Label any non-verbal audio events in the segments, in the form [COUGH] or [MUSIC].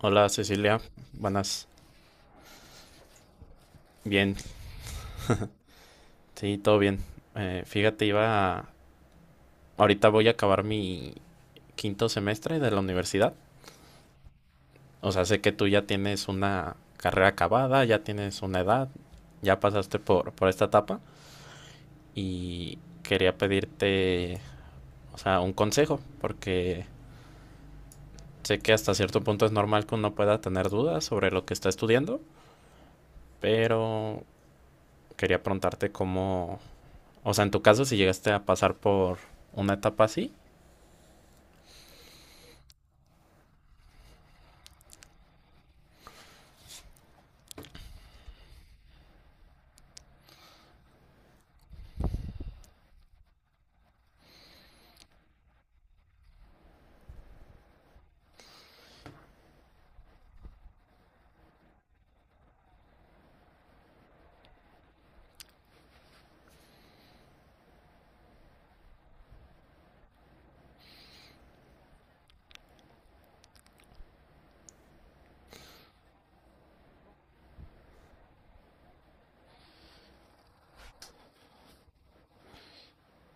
Hola Cecilia, buenas. Bien, sí, todo bien. Fíjate, ahorita voy a acabar mi quinto semestre de la universidad. O sea, sé que tú ya tienes una carrera acabada, ya tienes una edad, ya pasaste por esta etapa y quería pedirte, o sea, un consejo, porque sé que hasta cierto punto es normal que uno pueda tener dudas sobre lo que está estudiando, pero quería preguntarte cómo, o sea, en tu caso, si llegaste a pasar por una etapa así.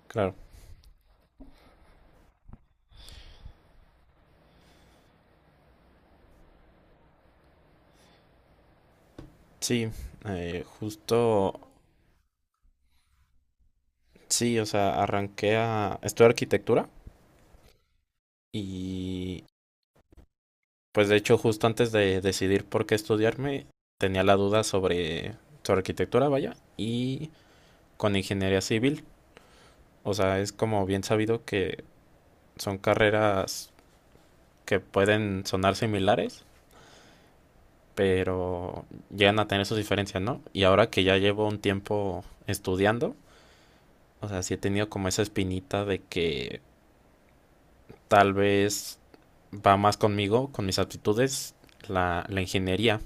Claro. Sí, justo, sí, o sea, arranqué a estudiar arquitectura y pues de hecho justo antes de decidir por qué estudiarme tenía la duda sobre arquitectura, vaya, y con ingeniería civil. O sea, es como bien sabido que son carreras que pueden sonar similares, pero llegan a tener sus diferencias, ¿no? Y ahora que ya llevo un tiempo estudiando, o sea, sí he tenido como esa espinita de que tal vez va más conmigo, con mis aptitudes, la ingeniería.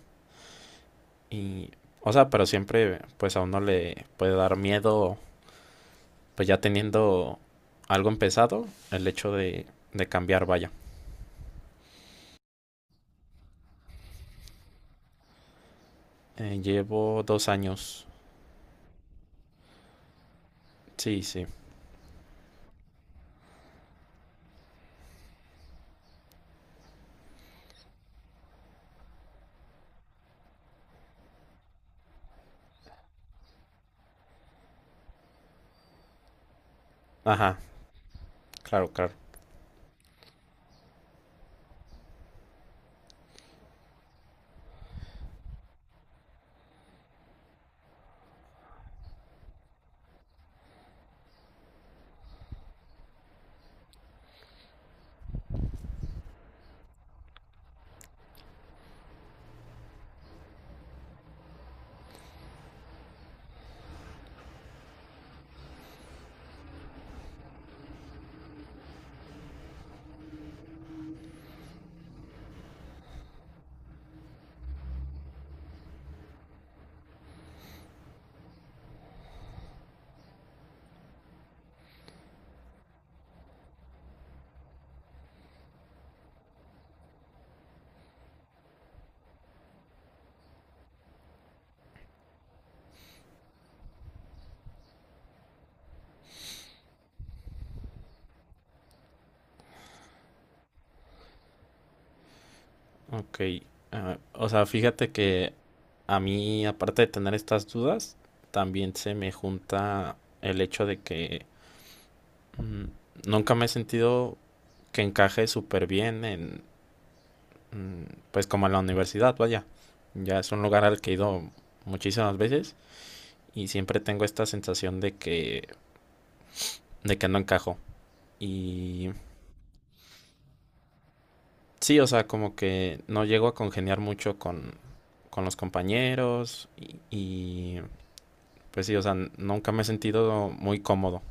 Y, o sea, pero siempre pues a uno le puede dar miedo, pues ya teniendo algo empezado, el hecho de cambiar, vaya. Llevo 2 años. Sí, sí. Ajá, claro, claro. Ok. Ah, o sea, fíjate que a mí, aparte de tener estas dudas, también se me junta el hecho de que Mm, nunca me he sentido que encaje súper bien en, mm, pues como en la universidad, vaya. Ya es un lugar al que he ido muchísimas veces y siempre tengo esta sensación de que no encajo. Y sí, o sea, como que no llego a congeniar mucho con los compañeros y, pues sí, o sea, nunca me he sentido muy cómodo.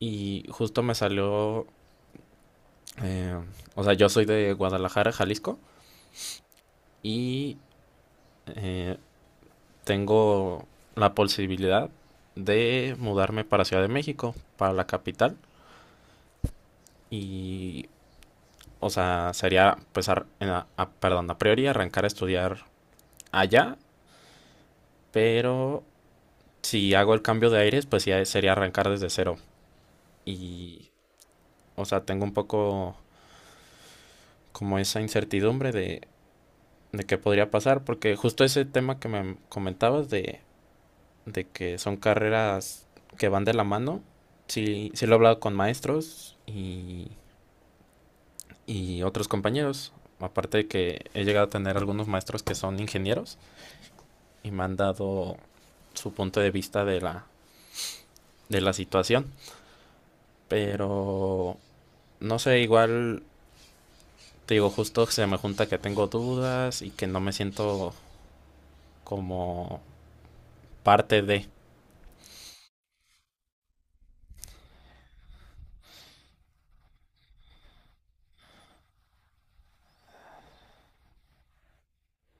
Y justo me salió, eh, o sea, yo soy de Guadalajara, Jalisco, y eh, tengo la posibilidad de mudarme para Ciudad de México, para la capital. Y, o sea, sería, pues, perdón, a priori arrancar a estudiar allá, pero si hago el cambio de aires, pues ya sería arrancar desde cero. Y, o sea, tengo un poco como esa incertidumbre de qué podría pasar, porque justo ese tema que me comentabas de que son carreras que van de la mano. Sí, sí lo he hablado con maestros y otros compañeros. Aparte de que he llegado a tener algunos maestros que son ingenieros y me han dado su punto de vista de de la situación. Pero no sé, igual te digo, justo se me junta que tengo dudas y que no me siento como parte de.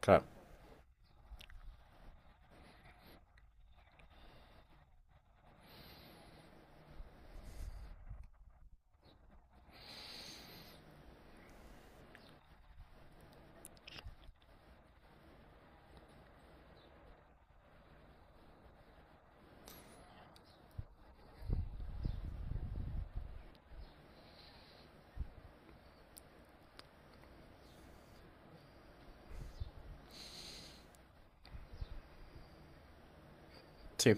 Claro, sí,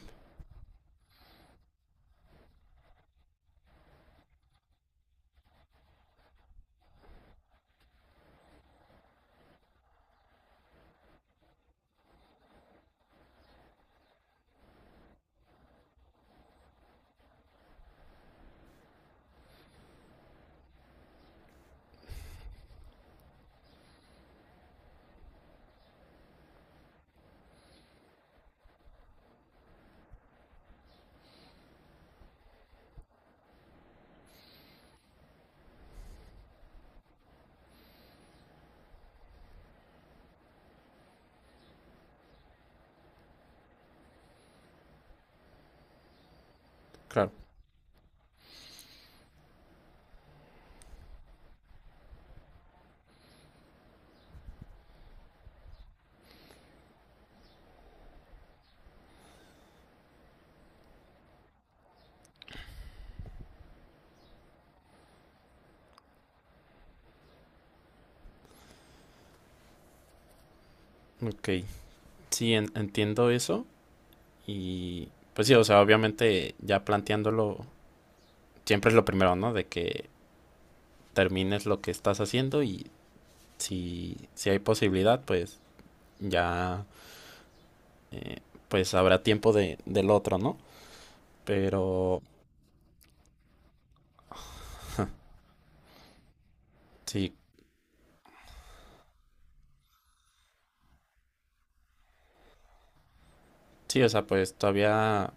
claro. Ok, sí, entiendo eso. Y pues sí, o sea, obviamente ya planteándolo, siempre es lo primero, ¿no? De que termines lo que estás haciendo y si hay posibilidad, pues ya pues habrá tiempo de, del otro, ¿no? Pero sí, sí, o sea, pues todavía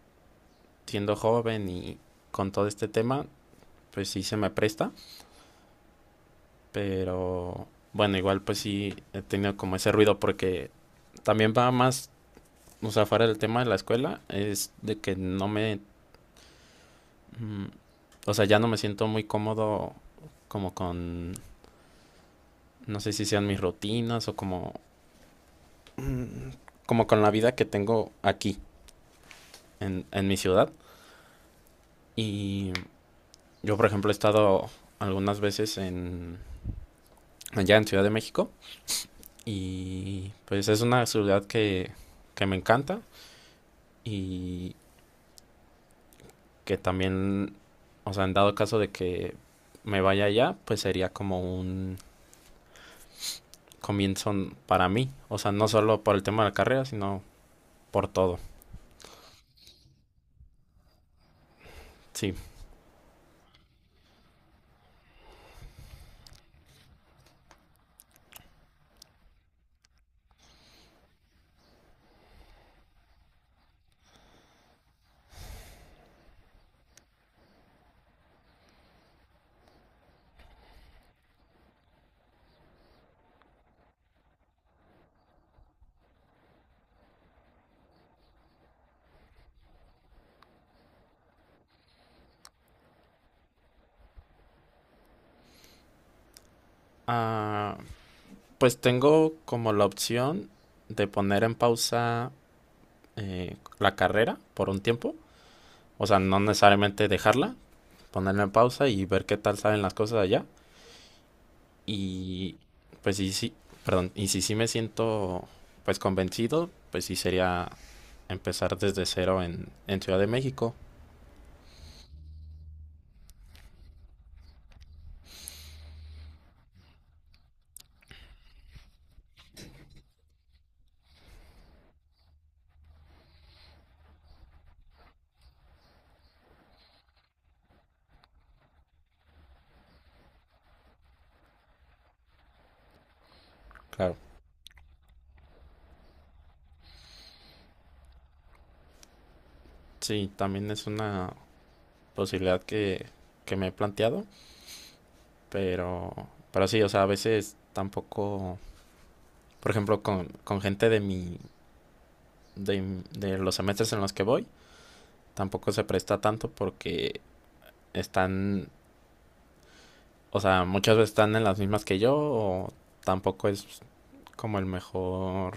siendo joven y con todo este tema, pues sí se me presta, pero bueno, igual pues sí he tenido como ese ruido porque también va más, o sea, fuera del tema de la escuela, es de que no me Mm, o sea, ya no me siento muy cómodo como con, no sé si sean mis rutinas o como, como con la vida que tengo aquí en mi ciudad. Y yo, por ejemplo, he estado algunas veces en, allá en Ciudad de México y pues es una ciudad que me encanta y que también, o sea, en dado caso de que me vaya allá, pues sería como un comienzo para mí. O sea, no solo por el tema de la carrera, sino por todo, sí. Ah, pues tengo como la opción de poner en pausa la carrera por un tiempo. O sea, no necesariamente dejarla, ponerla en pausa y ver qué tal saben las cosas allá. Y pues sí, sí, perdón, y si sí me siento pues convencido, pues sí sería empezar desde cero en Ciudad de México. Claro. Sí, también es una posibilidad que me he planteado. Pero, pero sí, o sea, a veces tampoco, por ejemplo, con gente de mi, de, de los semestres en los que voy, tampoco se presta tanto porque están, o sea, muchas veces están en las mismas que yo o tampoco es como el mejor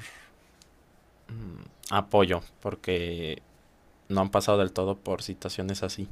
mm, apoyo porque no han pasado del todo por situaciones así.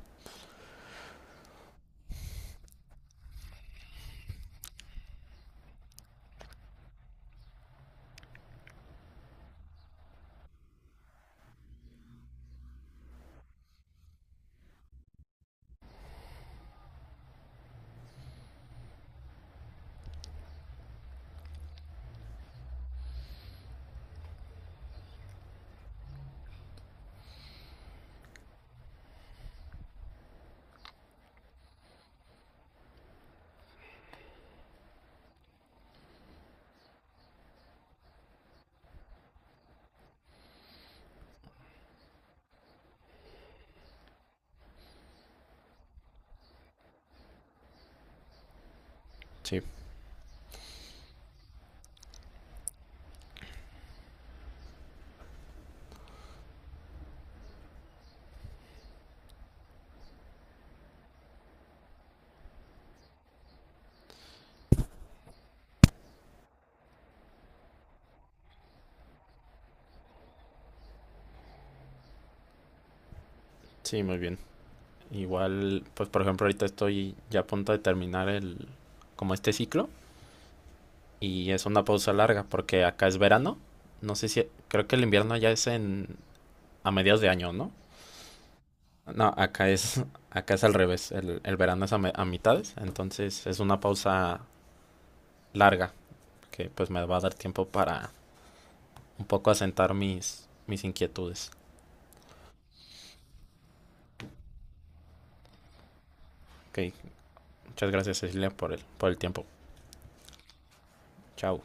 Sí, sí, muy bien. Igual, pues por ejemplo, ahorita estoy ya a punto de terminar el, como este ciclo y es una pausa larga porque acá es verano. No sé si creo que el invierno ya es en a mediados de año, ¿no? No, acá es [LAUGHS] acá es al revés, el verano es a, a mitades, entonces es una pausa larga que pues me va a dar tiempo para un poco asentar mis mis inquietudes. Ok, muchas gracias Cecilia por el tiempo. Chao.